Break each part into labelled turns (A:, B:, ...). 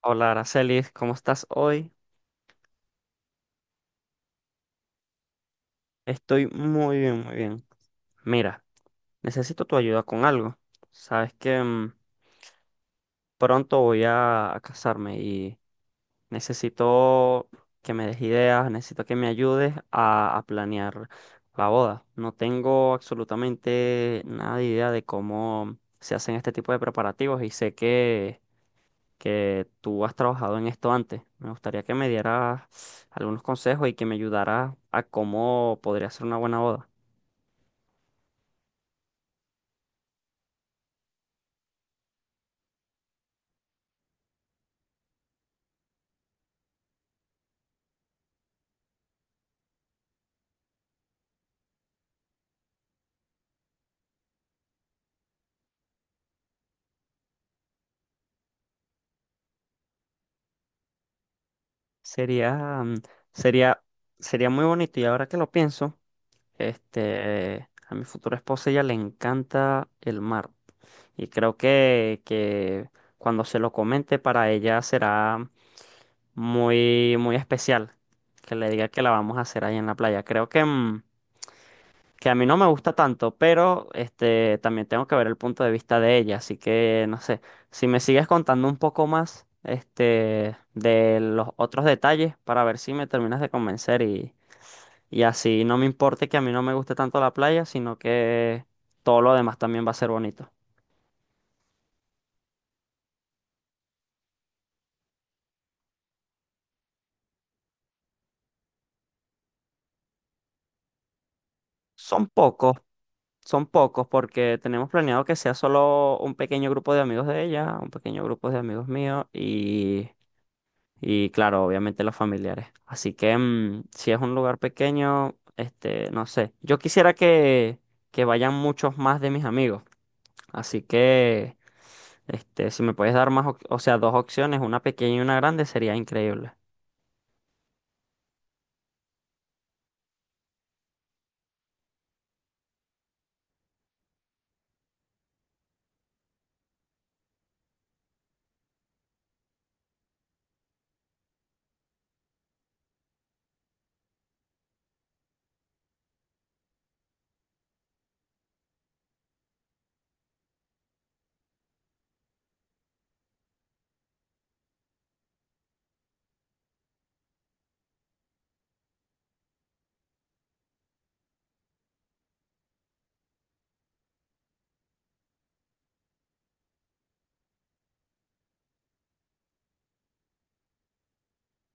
A: Hola, Aracelis, ¿cómo estás hoy? Estoy muy bien, muy bien. Mira, necesito tu ayuda con algo. Sabes que pronto voy a casarme y necesito que me des ideas, necesito que me ayudes a planear la boda. No tengo absolutamente nada de idea de cómo se hacen este tipo de preparativos y sé que tú has trabajado en esto antes. Me gustaría que me dieras algunos consejos y que me ayudaras a cómo podría ser una buena boda. Sería, mm, sería, sería muy bonito y ahora que lo pienso, a mi futura esposa ella le encanta el mar y creo que cuando se lo comente para ella será muy, muy especial que le diga que la vamos a hacer ahí en la playa. Creo que que a mí no me gusta tanto, pero también tengo que ver el punto de vista de ella, así que no sé, si me sigues contando un poco más de los otros detalles para ver si me terminas de convencer y así no me importe que a mí no me guste tanto la playa, sino que todo lo demás también va a ser bonito. Son pocos. Son pocos porque tenemos planeado que sea solo un pequeño grupo de amigos de ella, un pequeño grupo de amigos míos. Y claro, obviamente los familiares. Así que si es un lugar pequeño, no sé. Yo quisiera que vayan muchos más de mis amigos. Así que, si me puedes dar más, o sea, dos opciones, una pequeña y una grande, sería increíble.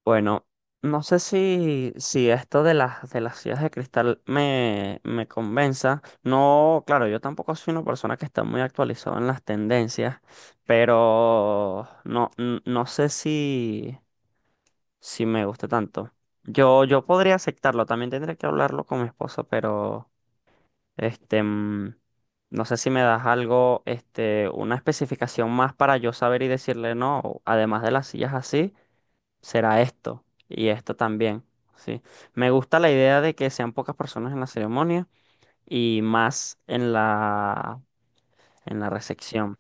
A: Bueno, no sé si esto de las sillas de cristal me convenza. No, claro, yo tampoco soy una persona que está muy actualizada en las tendencias, pero no, no sé si. Si me gusta tanto. Yo podría aceptarlo, también tendría que hablarlo con mi esposa, pero este, mm, no sé si me das algo, una especificación más para yo saber y decirle no, además de las sillas así, será esto y esto también, sí. Me gusta la idea de que sean pocas personas en la ceremonia y más en la recepción.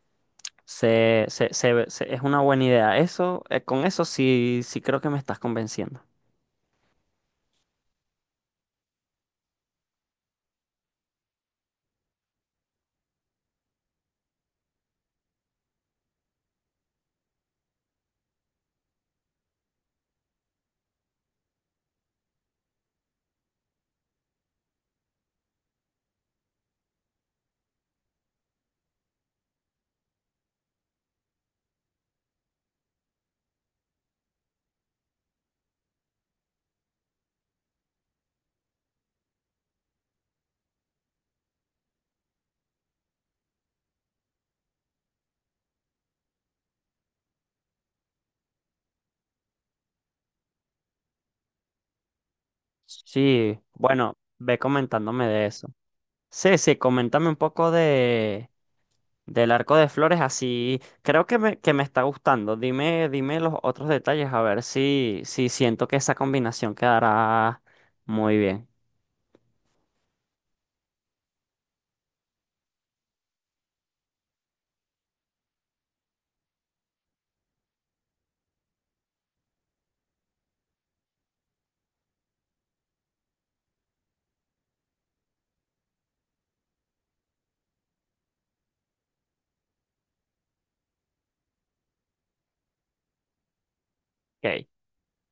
A: Es una buena idea. Eso, con eso sí, sí creo que me estás convenciendo. Sí, bueno, ve comentándome de eso. Sí, sí, coméntame un poco de del arco de flores, así creo que me está gustando. Dime, dime los otros detalles, a ver si siento que esa combinación quedará muy bien. Ok.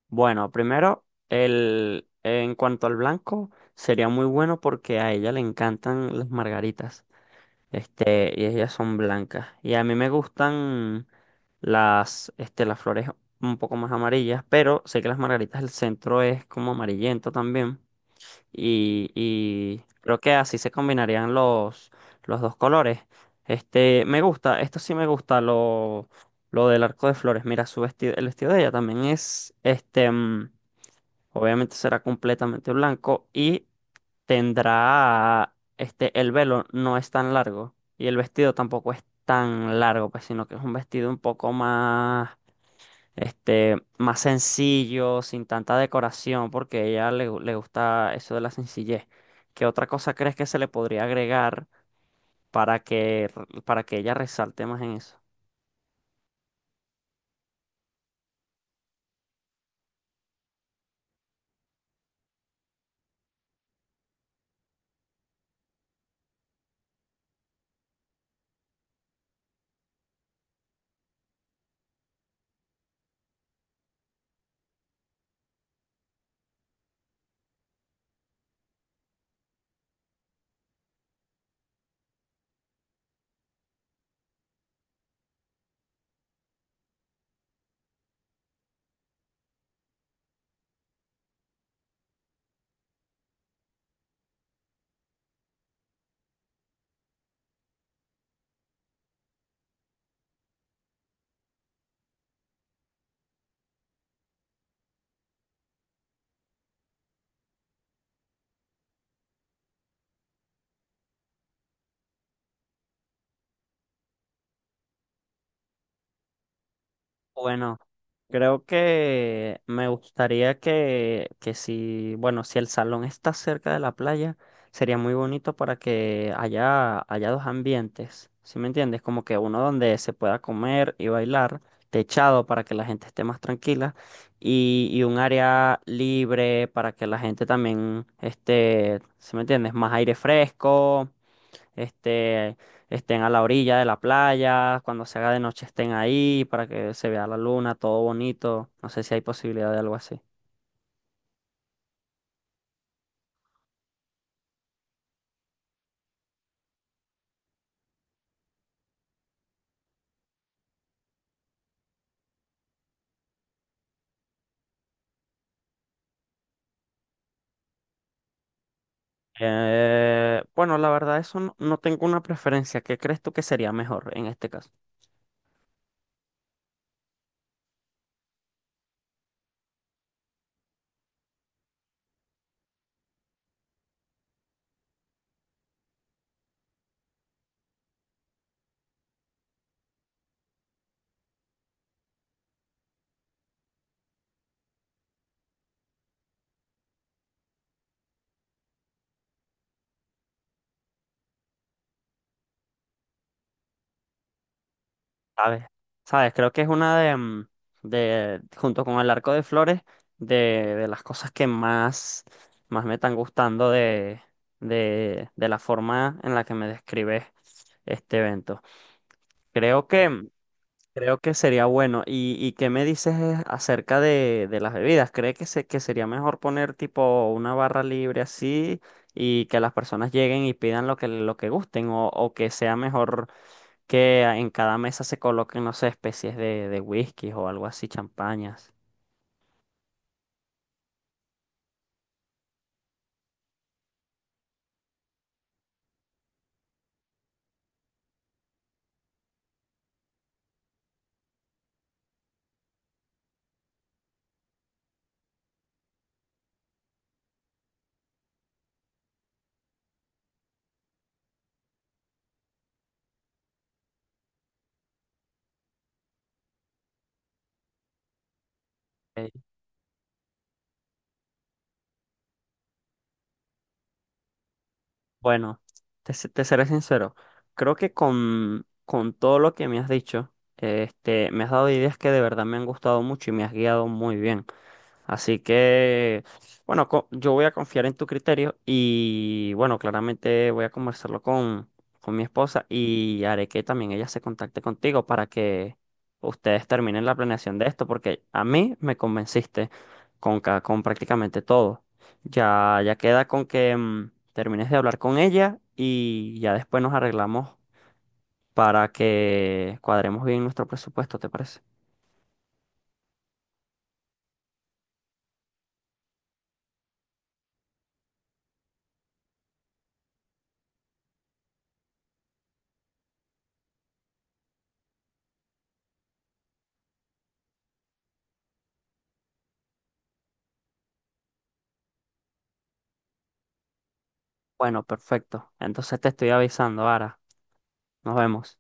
A: Bueno, primero, en cuanto al blanco, sería muy bueno porque a ella le encantan las margaritas. Y ellas son blancas. Y a mí me gustan las flores un poco más amarillas, pero sé que las margaritas del centro es como amarillento también. Y creo que así se combinarían los dos colores. Me gusta, esto sí me gusta, lo del arco de flores. Mira, su vestido, el vestido de ella también es, obviamente será completamente blanco y tendrá, el velo no es tan largo y el vestido tampoco es tan largo, pues, sino que es un vestido un poco más sencillo, sin tanta decoración, porque a ella le gusta eso de la sencillez. ¿Qué otra cosa crees que se le podría agregar para que, para que ella resalte más en eso? Bueno, creo que me gustaría que si, bueno, si el salón está cerca de la playa, sería muy bonito para que haya dos ambientes, ¿sí me entiendes? Como que uno donde se pueda comer y bailar, techado para que la gente esté más tranquila, y un área libre para que la gente también esté, ¿sí me entiendes? Más aire fresco, este, estén a la orilla de la playa, cuando se haga de noche estén ahí para que se vea la luna, todo bonito. No sé si hay posibilidad de algo así. Bueno, la verdad, eso no, no tengo una preferencia. ¿Qué crees tú que sería mejor en este caso? ¿Sabes? ¿Sabes? Creo que es una de junto con el arco de flores, de las cosas que más me están gustando de la forma en la que me describes este evento. Creo que mm, Creo que sería bueno. ¿Y qué me dices es acerca de las bebidas? ¿Cree que sería mejor poner tipo una barra libre así y que las personas lleguen y pidan lo que gusten? ¿O que sea mejor que en cada mesa se coloquen, no sé, especies de whisky o algo así, champañas? Eh, Bueno, te seré sincero. Creo que con todo lo que me has dicho, me has dado ideas que de verdad me han gustado mucho y me has guiado muy bien. Así que, bueno, yo voy a confiar en tu criterio y, bueno, claramente voy a conversarlo con mi esposa y haré que también ella se contacte contigo para que ustedes terminen la planeación de esto, porque a mí me convenciste con prácticamente todo. Ya queda con que termines de hablar con ella y ya después nos arreglamos para que cuadremos bien nuestro presupuesto, ¿te parece? Bueno, perfecto. Entonces te estoy avisando, Ara. Nos vemos.